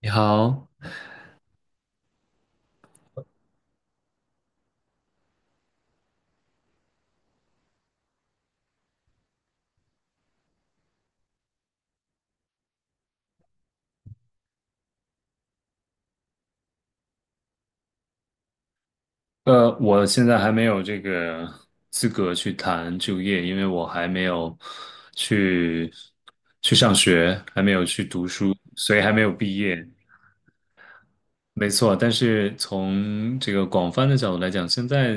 你好。我现在还没有这个资格去谈就业，因为我还没有去去上学，还没有去读书，所以还没有毕业。没错，但是从这个广泛的角度来讲，现在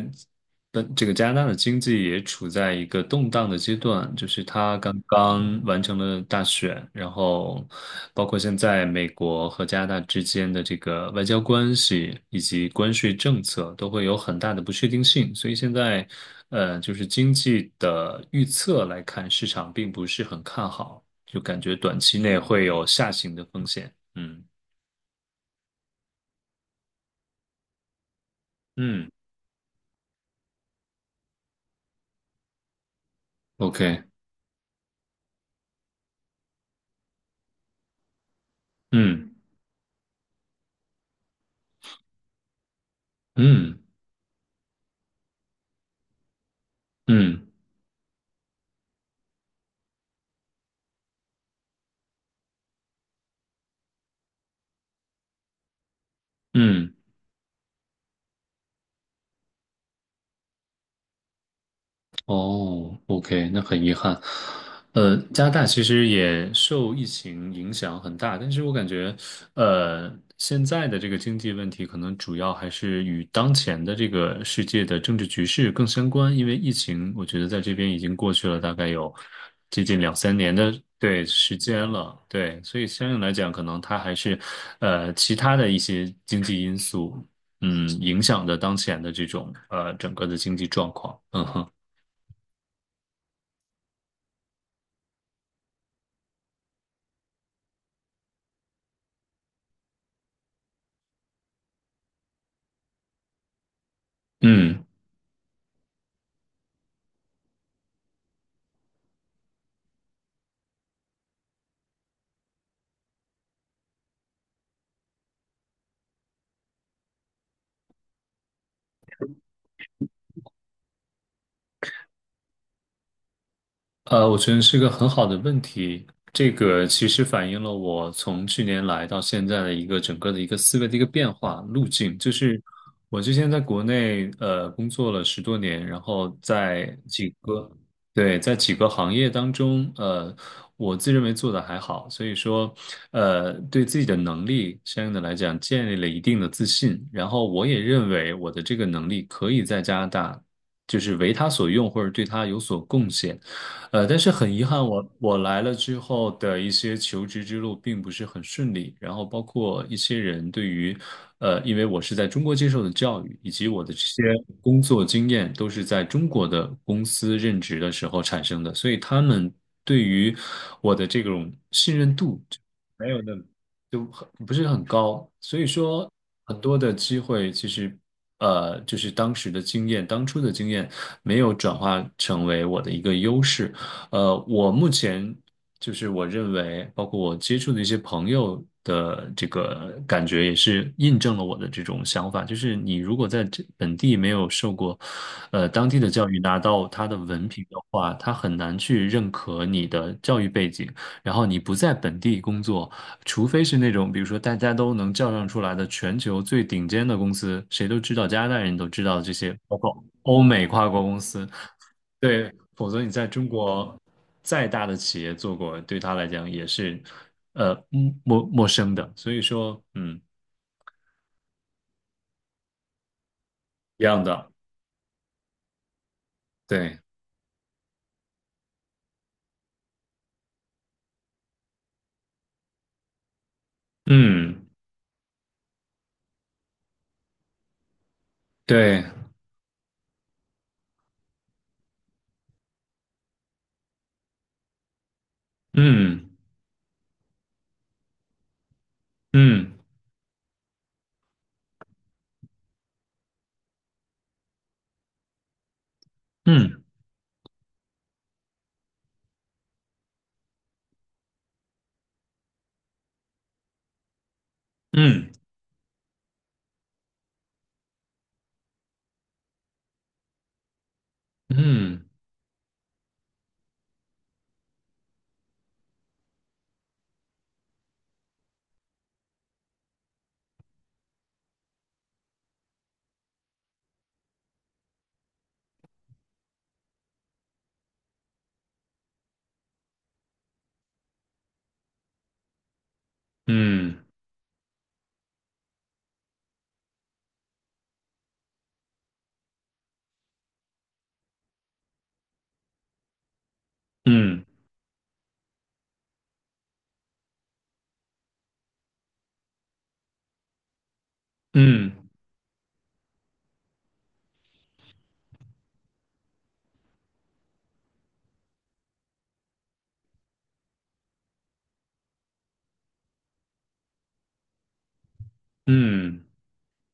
的这个加拿大的经济也处在一个动荡的阶段，就是它刚刚完成了大选，然后包括现在美国和加拿大之间的这个外交关系以及关税政策都会有很大的不确定性，所以现在就是经济的预测来看，市场并不是很看好，就感觉短期内会有下行的风险。嗯嗯，OK。嗯嗯嗯嗯哦，OK，那很遗憾。加拿大其实也受疫情影响很大，但是我感觉，呃，现在的这个经济问题可能主要还是与当前的这个世界的政治局势更相关，因为疫情，我觉得在这边已经过去了大概有接近两三年的，对，时间了，对，所以相应来讲，可能它还是其他的一些经济因素，嗯，影响的当前的这种整个的经济状况，嗯哼。嗯。我觉得是个很好的问题。这个其实反映了我从去年来到现在的一个整个的一个思维的一个变化路径。就是我之前在国内工作了10多年，然后在几个，对，在几个行业当中，我自认为做的还好，所以说对自己的能力相应的来讲建立了一定的自信。然后我也认为我的这个能力可以在加拿大，就是为他所用，或者对他有所贡献。但是很遗憾，我来了之后的一些求职之路并不是很顺利，然后包括一些人对于，因为我是在中国接受的教育，以及我的这些工作经验都是在中国的公司任职的时候产生的，所以他们对于我的这种信任度就没有那么，就很不是很高，所以说很多的机会其实。就是当时的经验，当初的经验没有转化成为我的一个优势。我目前就是我认为，包括我接触的一些朋友的这个感觉，也是印证了我的这种想法。就是你如果在这本地没有受过，当地的教育，拿到他的文凭的话，他很难去认可你的教育背景。然后你不在本地工作，除非是那种比如说大家都能叫上出来的全球最顶尖的公司，谁都知道，加拿大人都知道这些，包括欧美跨国公司。对，否则你在中国再大的企业做过，对他来讲也是呃陌生的。所以说，嗯，一样的，对，嗯，对，嗯，嗯，嗯，嗯，嗯，嗯，嗯，嗯，嗯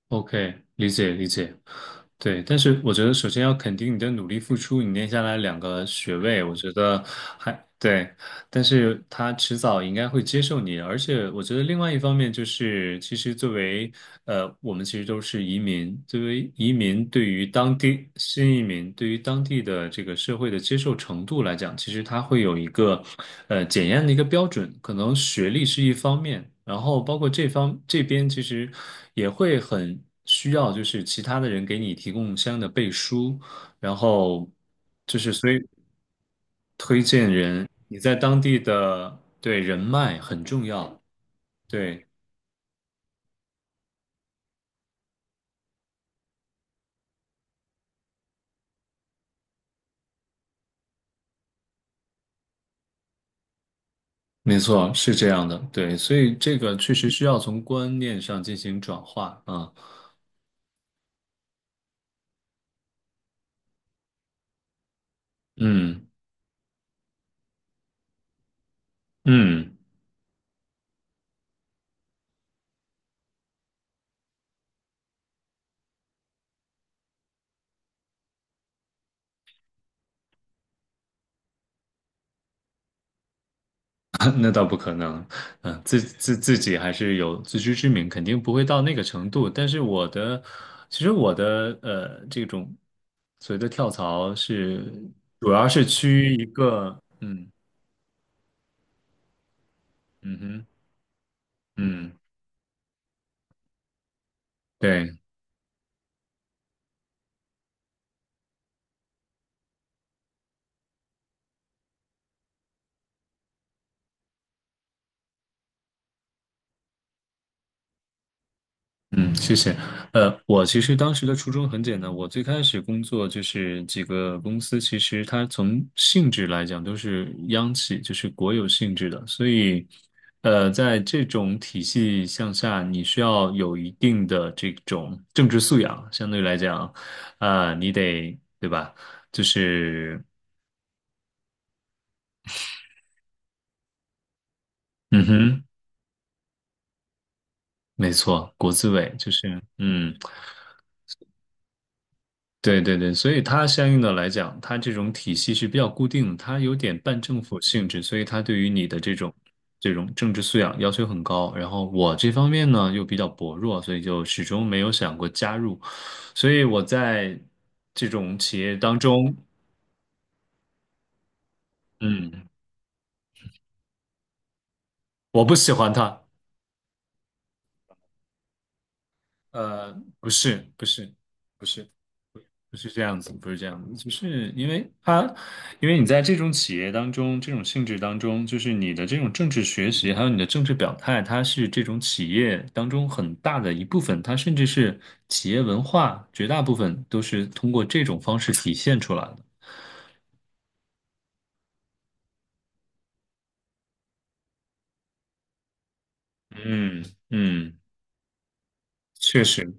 ，OK，理解理解。对，但是我觉得首先要肯定你的努力付出，你念下来2个学位，我觉得还对。但是他迟早应该会接受你，而且我觉得另外一方面就是，其实作为我们其实都是移民，作为移民对于当地新移民对于当地的这个社会的接受程度来讲，其实它会有一个检验的一个标准，可能学历是一方面，然后包括这方这边其实也会很需要，就是其他的人给你提供相应的背书，然后就是所以。你在当地的，对，人脉很重要，对，没错，是这样的，对，所以这个确实需要从观念上进行转化啊。嗯嗯，那倒不可能。嗯，自己还是有自知之明，肯定不会到那个程度。但是我的，其实我的这种所谓的跳槽是，主要是趋于一个，嗯嗯哼，嗯，对。嗯，谢谢。我其实当时的初衷很简单，我最开始工作就是几个公司，其实它从性质来讲都是央企，就是国有性质的，所以，在这种体系向下，你需要有一定的这种政治素养，相对来讲，啊、你得，对吧？就是，嗯哼，没错，国资委就是，嗯。对对对，所以它相应的来讲，它这种体系是比较固定，它有点半政府性质，所以它对于你的这种政治素养要求很高。然后我这方面呢又比较薄弱，所以就始终没有想过加入。所以我在这种企业当中，嗯，我不喜欢它。呃，不是，不是，不是，不是这样子，不是这样子，就是因为它，因为你在这种企业当中，这种性质当中，就是你的这种政治学习，还有你的政治表态，它是这种企业当中很大的一部分，它甚至是企业文化，绝大部分都是通过这种方式体现出来的。嗯嗯，确实。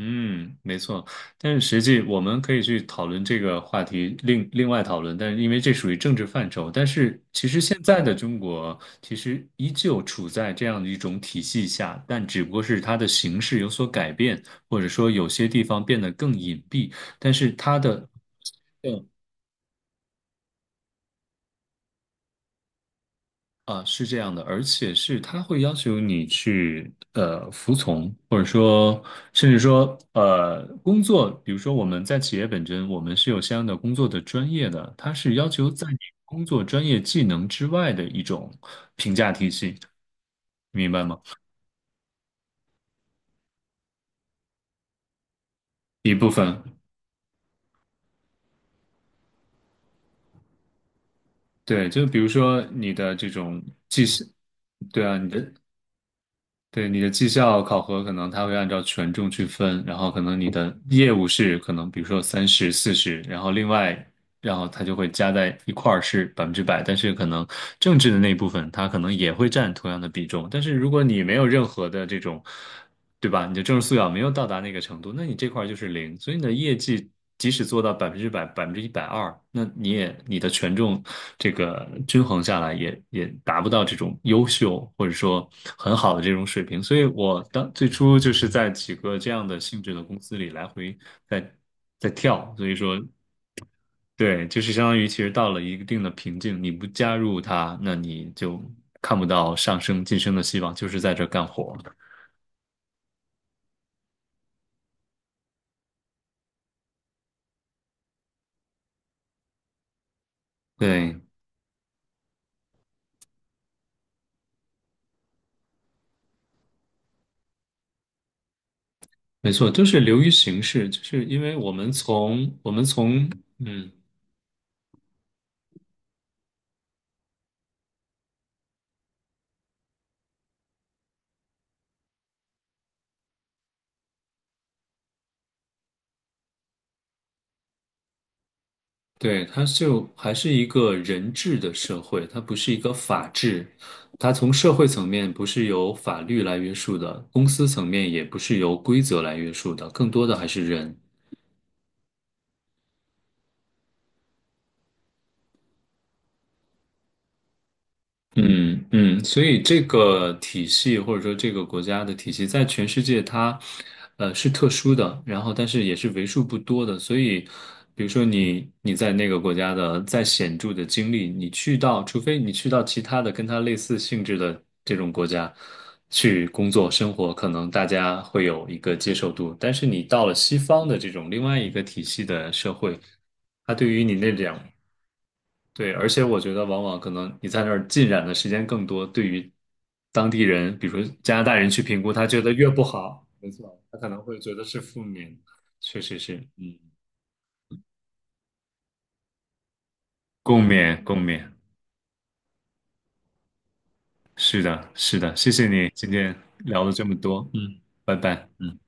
嗯，没错，但是实际我们可以去讨论这个话题，另外讨论，但是因为这属于政治范畴，但是其实现在的中国其实依旧处在这样的一种体系下，但只不过是它的形式有所改变，或者说有些地方变得更隐蔽，但是它的。啊，是这样的，而且是他会要求你去服从，或者说甚至说工作，比如说我们在企业本身，我们是有相应的工作的专业的，它是要求在你工作专业技能之外的一种评价体系，明白吗？一部分，对，就比如说你的这种技，对啊，你的，对，你的绩效考核可能它会按照权重去分，然后可能你的业务是可能比如说30、40，然后另外，然后它就会加在一块儿是百分之百，但是可能政治的那一部分它可能也会占同样的比重，但是如果你没有任何的这种，对吧？你的政治素养没有到达那个程度，那你这块儿就是零，所以你的业绩即使做到百分之百、120%，那你也你的权重这个均衡下来也达不到这种优秀或者说很好的这种水平。所以我当最初就是在几个这样的性质的公司里来回在在跳，所以说对，就是相当于其实到了一定的瓶颈，你不加入它，那你就看不到上升晋升的希望，就是在这儿干活。对，没错，就是流于形式，就是因为我们从嗯，对，它就还是一个人治的社会，它不是一个法治，它从社会层面不是由法律来约束的，公司层面也不是由规则来约束的，更多的还是人。嗯嗯，所以这个体系或者说这个国家的体系，在全世界它，是特殊的，然后但是也是为数不多的。所以，比如说你在那个国家的再显著的经历，你去到，除非你去到其他的跟它类似性质的这种国家去工作生活，可能大家会有一个接受度。但是你到了西方的这种另外一个体系的社会，它对于你那两，对，而且我觉得往往可能你在那儿浸染的时间更多，对于当地人，比如说加拿大人去评估，他觉得越不好，没错，他可能会觉得是负面。确实是，嗯，共勉共勉，是的，是的，谢谢你今天聊了这么多，嗯，拜拜。嗯。